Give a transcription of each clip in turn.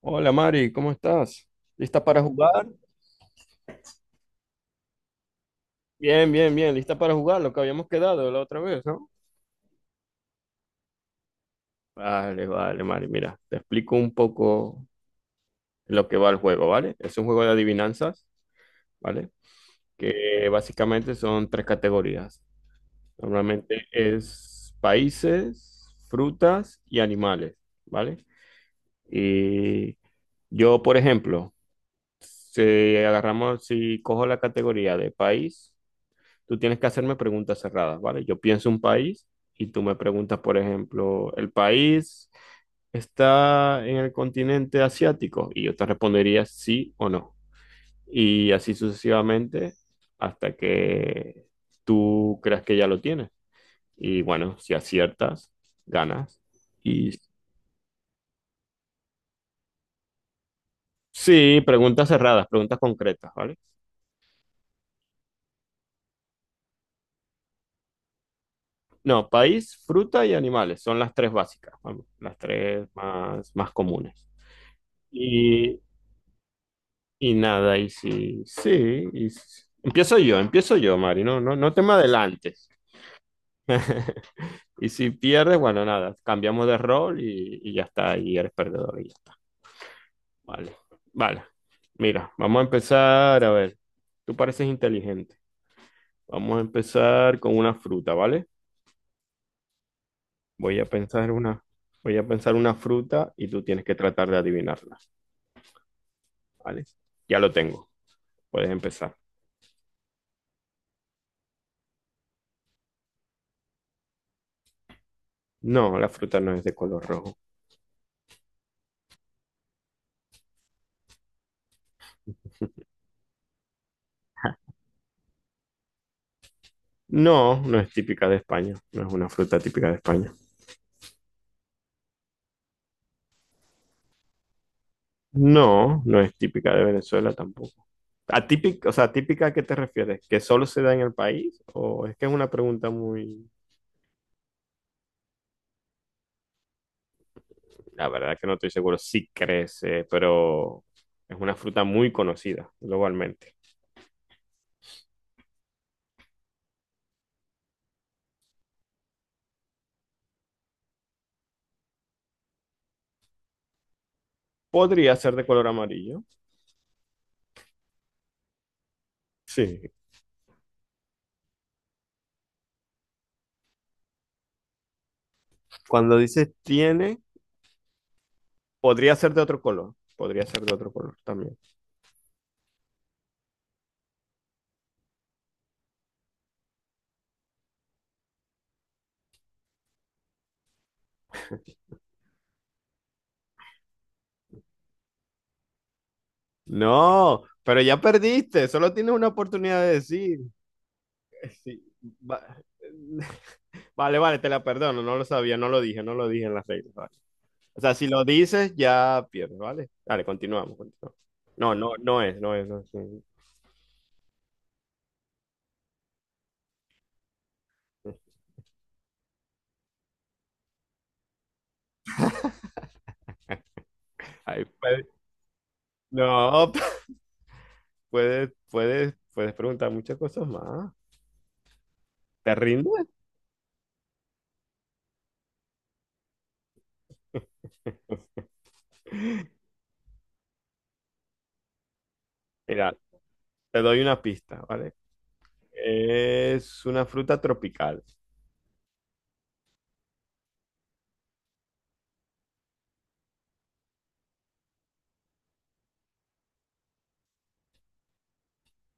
Hola Mari, ¿cómo estás? ¿Lista para jugar? Bien, bien, bien, lista para jugar, lo que habíamos quedado la otra vez, ¿no? Vale, vale, Mari, mira, te explico un poco lo que va el juego, ¿vale? Es un juego de adivinanzas, ¿vale? Que básicamente son tres categorías. Normalmente es países, frutas y animales, ¿vale? Y yo, por ejemplo, si cojo la categoría de país. Tú tienes que hacerme preguntas cerradas, ¿vale? Yo pienso un país y tú me preguntas, por ejemplo, ¿el país está en el continente asiático? Y yo te respondería sí o no. Y así sucesivamente hasta que tú creas que ya lo tienes. Y bueno, si aciertas, ganas. Y sí, preguntas cerradas, preguntas concretas, ¿vale? No, país, fruta y animales son las tres básicas, vamos, las tres más comunes. Y Y nada, y sí, sí, y empiezo yo, Mari, no, no, no te me adelantes. Y si pierdes, bueno, nada, cambiamos de rol y ya está, y eres perdedor y ya está. Vale, vale. Mira, vamos a empezar, a ver, tú pareces inteligente. Vamos a empezar con una fruta, ¿vale? Voy a pensar una, Voy a pensar una fruta y tú tienes que tratar de adivinarla, ¿vale? Ya lo tengo, puedes empezar. No, la fruta no es de color rojo. No, no es típica de España, no es una fruta típica de España. No, no es típica de Venezuela tampoco. Atípica, o sea, típica ¿a qué te refieres? ¿Que solo se da en el país? ¿O es que es una pregunta muy...? La verdad que no estoy seguro, sí crece, pero es una fruta muy conocida globalmente. Podría ser de color amarillo. Sí. Cuando dices tiene, podría ser de otro color. Podría ser de otro color también. No, pero ya perdiste, solo tienes una oportunidad de decir. Sí, va- vale, vale, te la perdono, no lo sabía, no lo dije en las reglas, vale. O sea, si lo dices, ya pierdes, ¿vale? Dale, continuamos, continuamos. No, no, no es, no es, no es. Ahí puede- no, puedes, puedes, puedes preguntar muchas cosas más. ¿Te rindes? Mira, te doy una pista, ¿vale? Es una fruta tropical.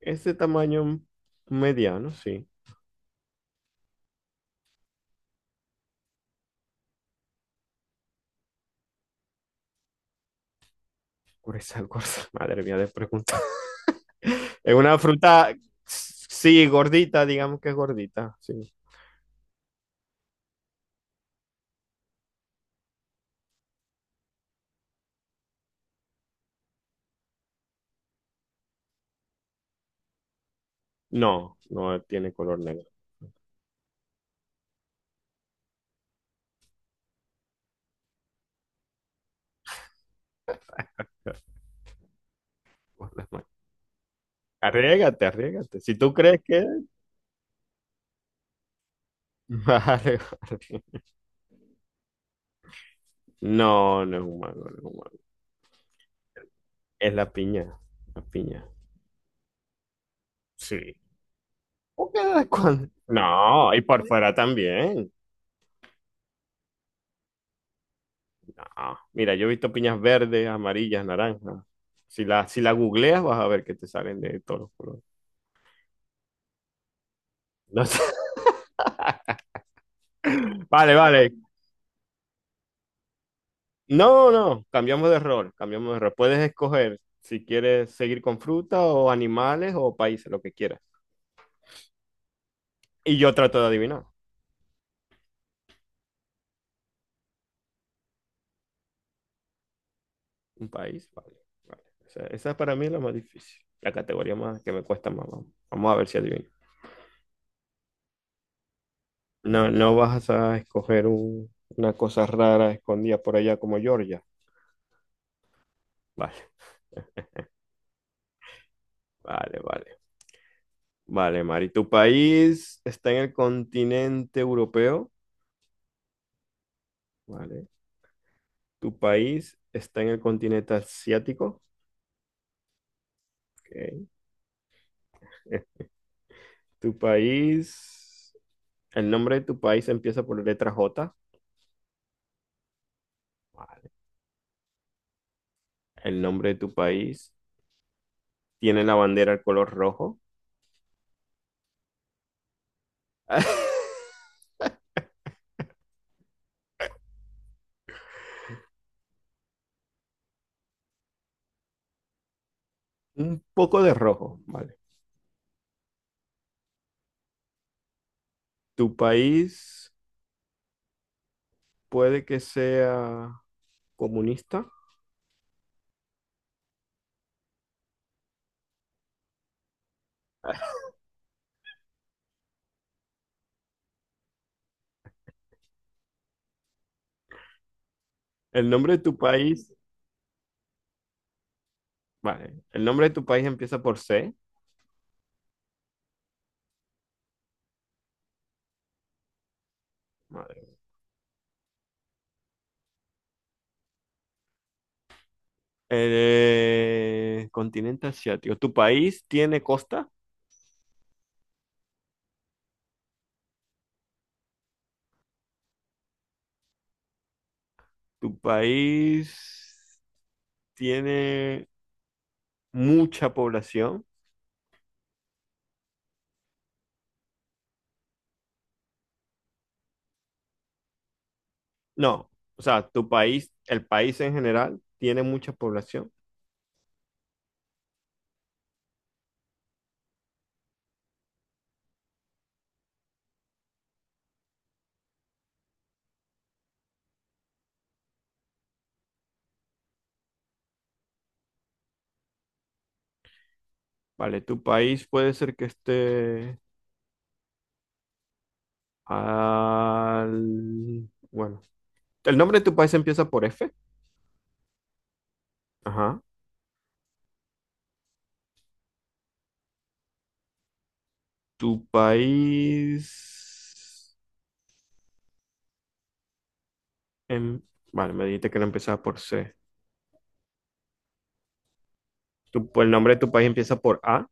Es de tamaño mediano, sí. Curacao, gorda. Madre mía, de pregunta. Es una fruta, sí, gordita, digamos que es gordita, sí. No, no tiene color negro. Arriégate, arriégate. Si tú crees que... Vale, vale. No, no es un mango, no es un mango. Es la piña, la piña. Sí. ¿Por qué de cuándo? No, y por fuera también. No. Mira, yo he visto piñas verdes, amarillas, naranjas. Si la googleas vas a ver que te salen de todos los colores. No sé. Vale, vale. No, no, cambiamos de rol, cambiamos de rol. Puedes escoger si quieres seguir con fruta o animales o países, lo que quieras. Y yo trato de adivinar. Un país, vale, vale. O esa es para mí es la más difícil, la categoría más que me cuesta más. Vamos, vamos a ver si adivino. No, no vas a escoger una cosa rara escondida por allá como Georgia. Vale, vale, vale. Vale, Mari, ¿tu país está en el continente europeo? Vale. ¿Tu país está en el continente asiático? Ok. Tu país, el nombre de tu país empieza por letra J. Vale. El nombre de tu país tiene la bandera al color rojo. Un poco de rojo, vale. Tu país puede que sea comunista. El nombre de tu país, vale. El nombre de tu país empieza por C. Madre. Continente asiático. ¿Tu país tiene costa? ¿Tu país tiene mucha población? No, o sea, tu país, el país en general, tiene mucha población, ¿vale? Tu país puede ser que esté al... Bueno, el nombre de tu país empieza por F. Ajá. Tu país... em- Vale, me dijiste que no empezaba por C. El nombre de tu país empieza por A.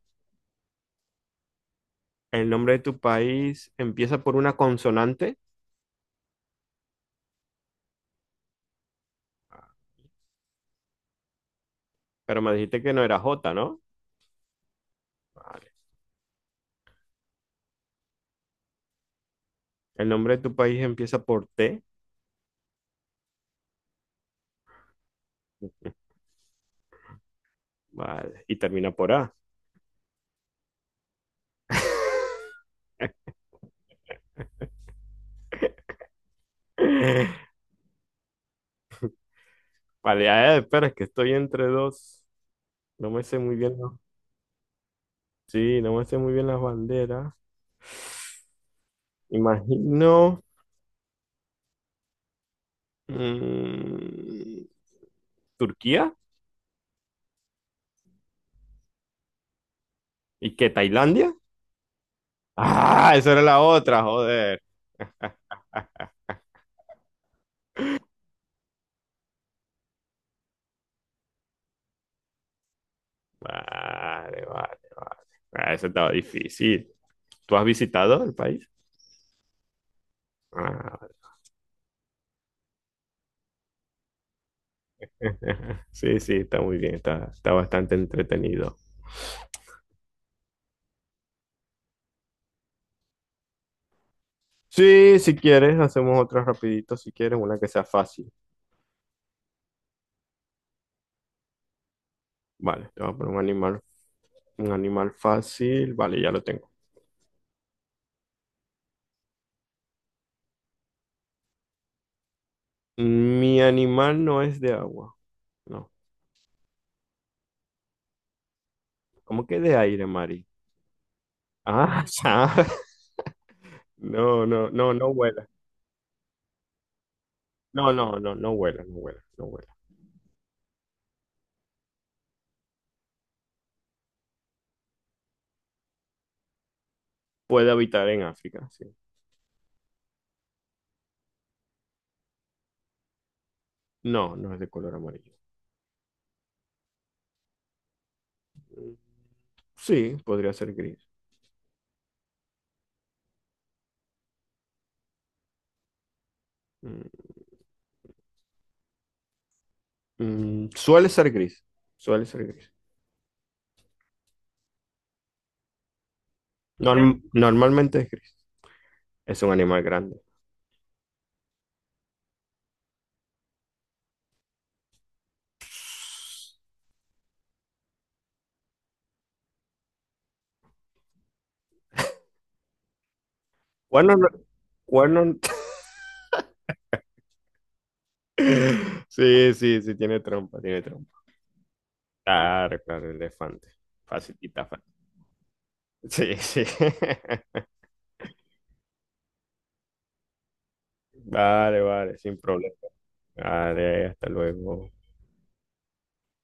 El nombre de tu país empieza por una consonante, pero me dijiste que no era J, ¿no? Vale. El nombre de tu país empieza por T, vale, y termina por A. Vale, a ver, espera, es que estoy entre dos. No me sé muy bien, ¿no? Sí, no me sé muy bien las banderas. Imagino. mm, ¿Turquía? ¿Y qué? ¿Tailandia? Ah, esa era la otra, joder. Ah, vale, vale, vale. Ah, eso estaba difícil. ¿Tú has visitado el país? Ah, sí, sí, está muy bien, está bastante entretenido. Sí, si quieres, hacemos otra rapidito, si quieres, una que sea fácil. Vale, te voy a poner un animal. Un animal fácil. Vale, ya lo tengo. Mi animal no es de agua. No. ¿Cómo que de aire, Mari? Ah, ya. No, no, no, no vuela. No, no, no, no vuela, no vuela, no vuela. Puede habitar en África, sí. No, no es de color amarillo. Mm, sí, podría ser gris. Suele ser gris. Suele ser gris. Normalmente es gris. Es un animal grande. Cuernos, cuernos. Sí, sí, sí, tiene trompa, tiene trompa. Claro, claro, elefante. Facilita, sí, sí. Vale, vale, sin problema. Vale, hasta luego.